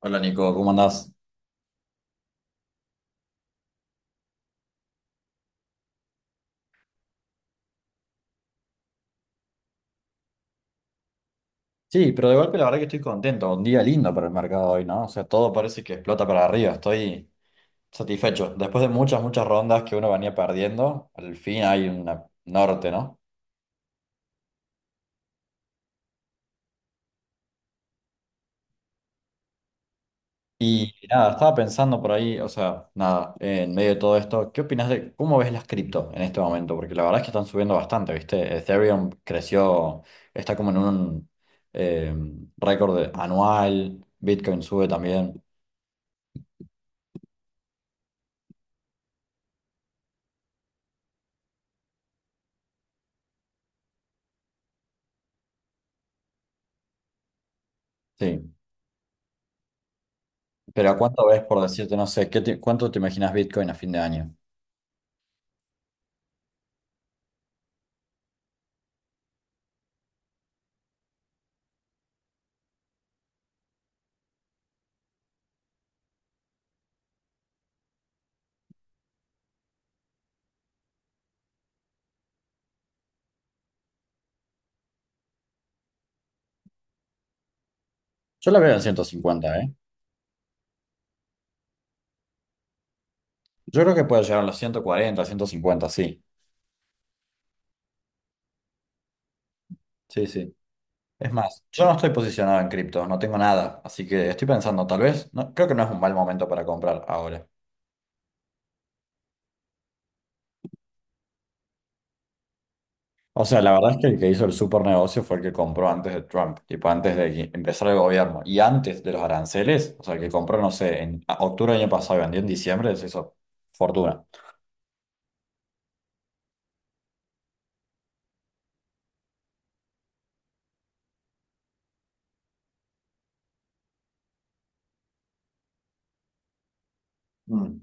Hola Nico, ¿cómo andás? Sí, pero de golpe la verdad que estoy contento, un día lindo para el mercado hoy, ¿no? O sea, todo parece que explota para arriba, estoy satisfecho. Después de muchas, muchas rondas que uno venía perdiendo, al fin hay un norte, ¿no? Y nada, estaba pensando por ahí, o sea, nada, en medio de todo esto, ¿qué opinas de cómo ves las cripto en este momento? Porque la verdad es que están subiendo bastante, ¿viste? Ethereum creció, está como en un eh, récord anual, Bitcoin sube también, sí. Pero ¿a cuánto ves, por decirte, no sé, cuánto te imaginas Bitcoin a fin de año? Yo la veo en 150, ¿eh? Yo creo que puede llegar a los 140, 150, sí. Sí, sí. Es más, yo no estoy posicionado en cripto, no tengo nada, así que estoy pensando, tal vez, no, creo que no es un mal momento para comprar ahora. O sea, la verdad es que el que hizo el super negocio fue el que compró antes de Trump, tipo antes de que empezara el gobierno y antes de los aranceles, o sea, el que compró, no sé, en octubre del año pasado y vendió en diciembre, se hizo fortuna. Mm.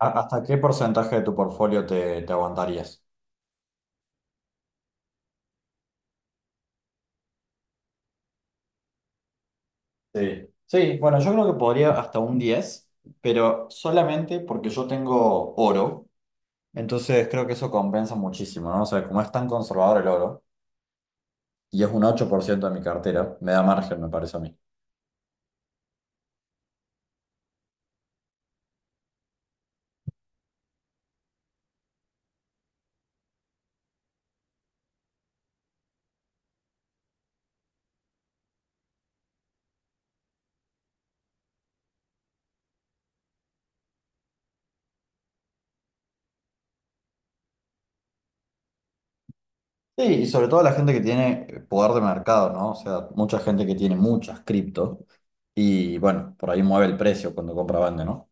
¿Hasta qué porcentaje de tu portfolio te aguantarías? Sí. Sí, bueno, yo creo que podría hasta un 10, pero solamente porque yo tengo oro, entonces creo que eso compensa muchísimo, ¿no? O sea, como es tan conservador el oro, y es un 8% de mi cartera, me da margen, me parece a mí. Sí, y sobre todo la gente que tiene poder de mercado, ¿no? O sea, mucha gente que tiene muchas cripto, y bueno, por ahí mueve el precio cuando compra vende, ¿no?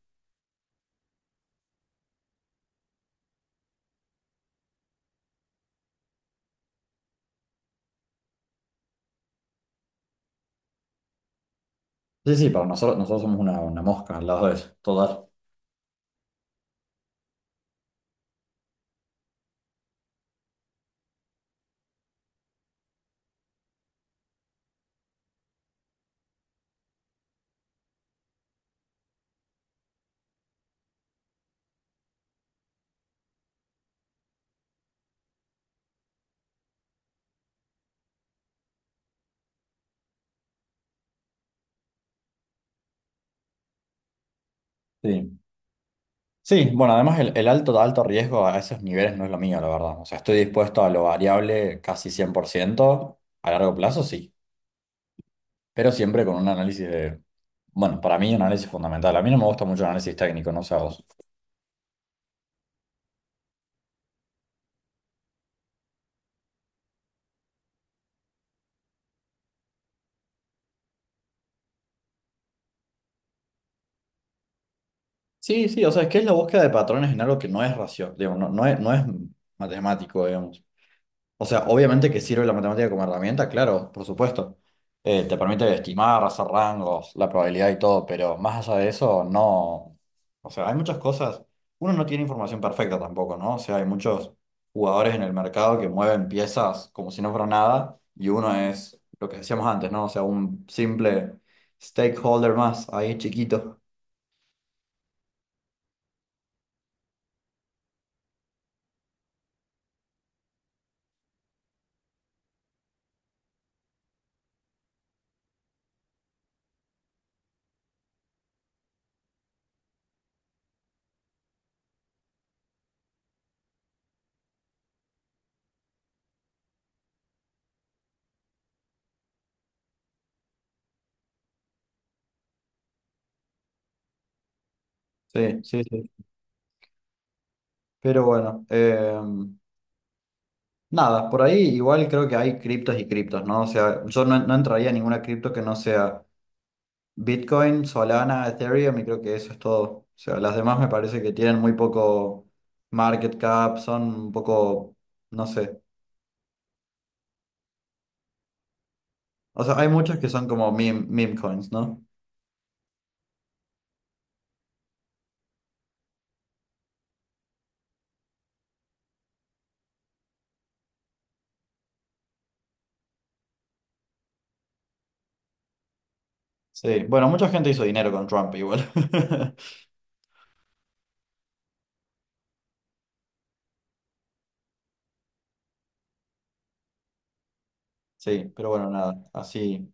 Sí, sí, para nosotros, somos una mosca al lado de eso, total. Sí. Sí, bueno, además el alto riesgo a esos niveles no es lo mío, la verdad. O sea, estoy dispuesto a lo variable casi 100% a largo plazo, sí, pero siempre con un análisis de, bueno, para mí un análisis fundamental. A mí no me gusta mucho el análisis técnico, no sé a vos. Sí, sí, o sea, es que es la búsqueda de patrones en algo que no es racio, digo, no, no es matemático, digamos. O sea, obviamente que sirve la matemática como herramienta, claro, por supuesto. Te permite estimar, hacer rangos, la probabilidad y todo, pero más allá de eso, no. O sea, hay muchas cosas. Uno no tiene información perfecta tampoco, ¿no? O sea, hay muchos jugadores en el mercado que mueven piezas como si no fuera nada, y uno es lo que decíamos antes, ¿no? O sea, un simple stakeholder más, ahí chiquito. Sí, sí, sí. Pero bueno, nada, por ahí igual creo que hay criptos y criptos, ¿no? O sea, yo no entraría a ninguna cripto que no sea Bitcoin, Solana, Ethereum y creo que eso es todo. O sea, las demás me parece que tienen muy poco market cap, son un poco, no sé. O sea, hay muchas que son como meme coins, ¿no? Sí, bueno, mucha gente hizo dinero con Trump igual. Sí, pero bueno, nada, así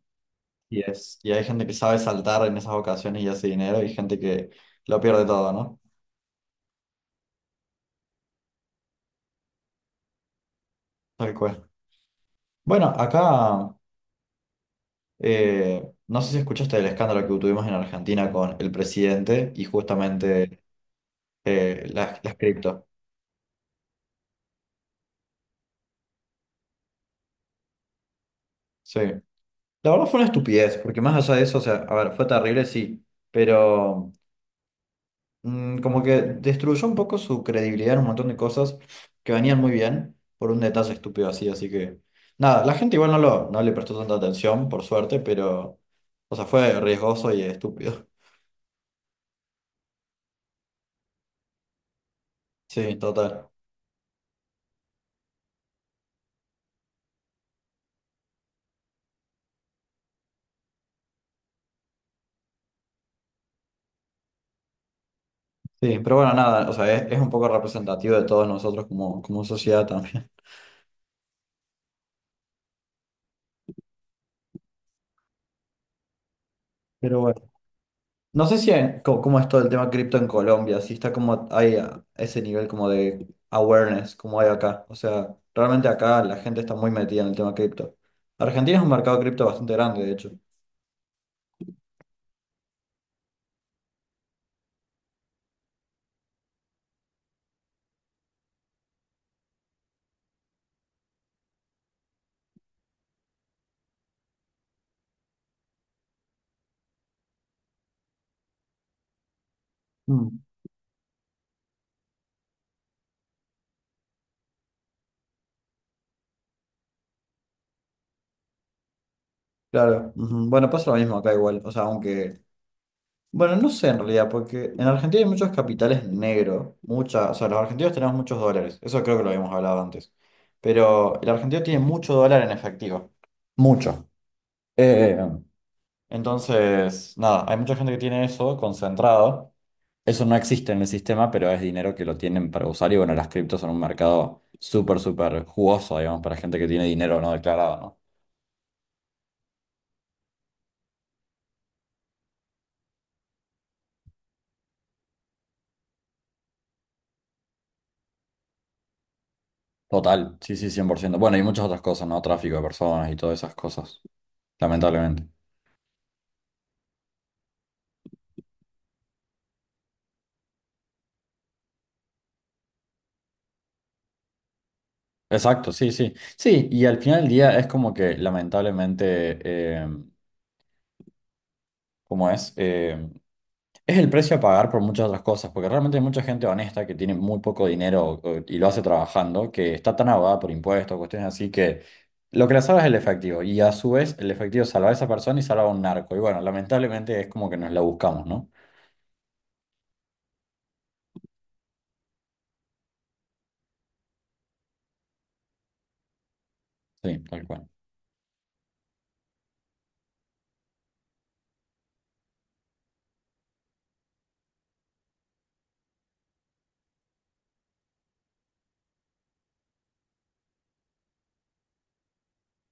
y es. Y hay gente que sabe saltar en esas ocasiones y hace dinero y gente que lo pierde todo, ¿no? Tal cual. Bueno, no sé si escuchaste el escándalo que tuvimos en Argentina con el presidente y justamente las cripto. Sí. La verdad fue una estupidez, porque más allá de eso, o sea, a ver, fue terrible, sí, pero como que destruyó un poco su credibilidad en un montón de cosas que venían muy bien por un detalle estúpido, así así que nada, la gente igual no le prestó tanta atención, por suerte, pero, o sea, fue riesgoso y estúpido. Sí, total. Sí, pero bueno, nada, o sea, es un poco representativo de todos nosotros como, como sociedad también. Pero bueno, no sé si cómo es todo el tema cripto en Colombia, si está como hay ese nivel como de awareness como hay acá. O sea, realmente acá la gente está muy metida en el tema cripto. Argentina es un mercado cripto bastante grande, de hecho. Mm, claro, ujú. Bueno, pasa lo mismo acá igual, o sea, aunque bueno, no sé en realidad, porque en Argentina hay muchos capitales negros, muchas, o sea, los argentinos tenemos muchos dólares, eso creo que lo habíamos hablado antes, pero el argentino tiene mucho dólar en efectivo, mucho. Eh, entonces, nada, hay mucha gente que tiene eso concentrado, eso no existe en el sistema, pero es dinero que lo tienen para usar y bueno, las criptos son un mercado súper, súper jugoso, digamos, para gente que tiene dinero no declarado, ¿no? Total, sí, sí, 100%. Bueno, y muchas otras cosas, ¿no? Tráfico de personas y todas esas cosas, lamentablemente. Exacto, sí, sí. Sí, y al final del día es como que lamentablemente, como es, Em, Es el precio a pagar por muchas otras cosas, porque realmente hay mucha gente honesta que tiene muy poco dinero y lo hace trabajando, que está tan ahogada por impuestos, cuestiones así, que lo que le salva es el efectivo. Y a su vez, el efectivo salva a esa persona y salva a un narco. Y bueno, lamentablemente es como que nos la buscamos, ¿no? Sí, tal cual.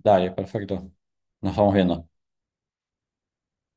Dale, perfecto. Nos vamos viendo.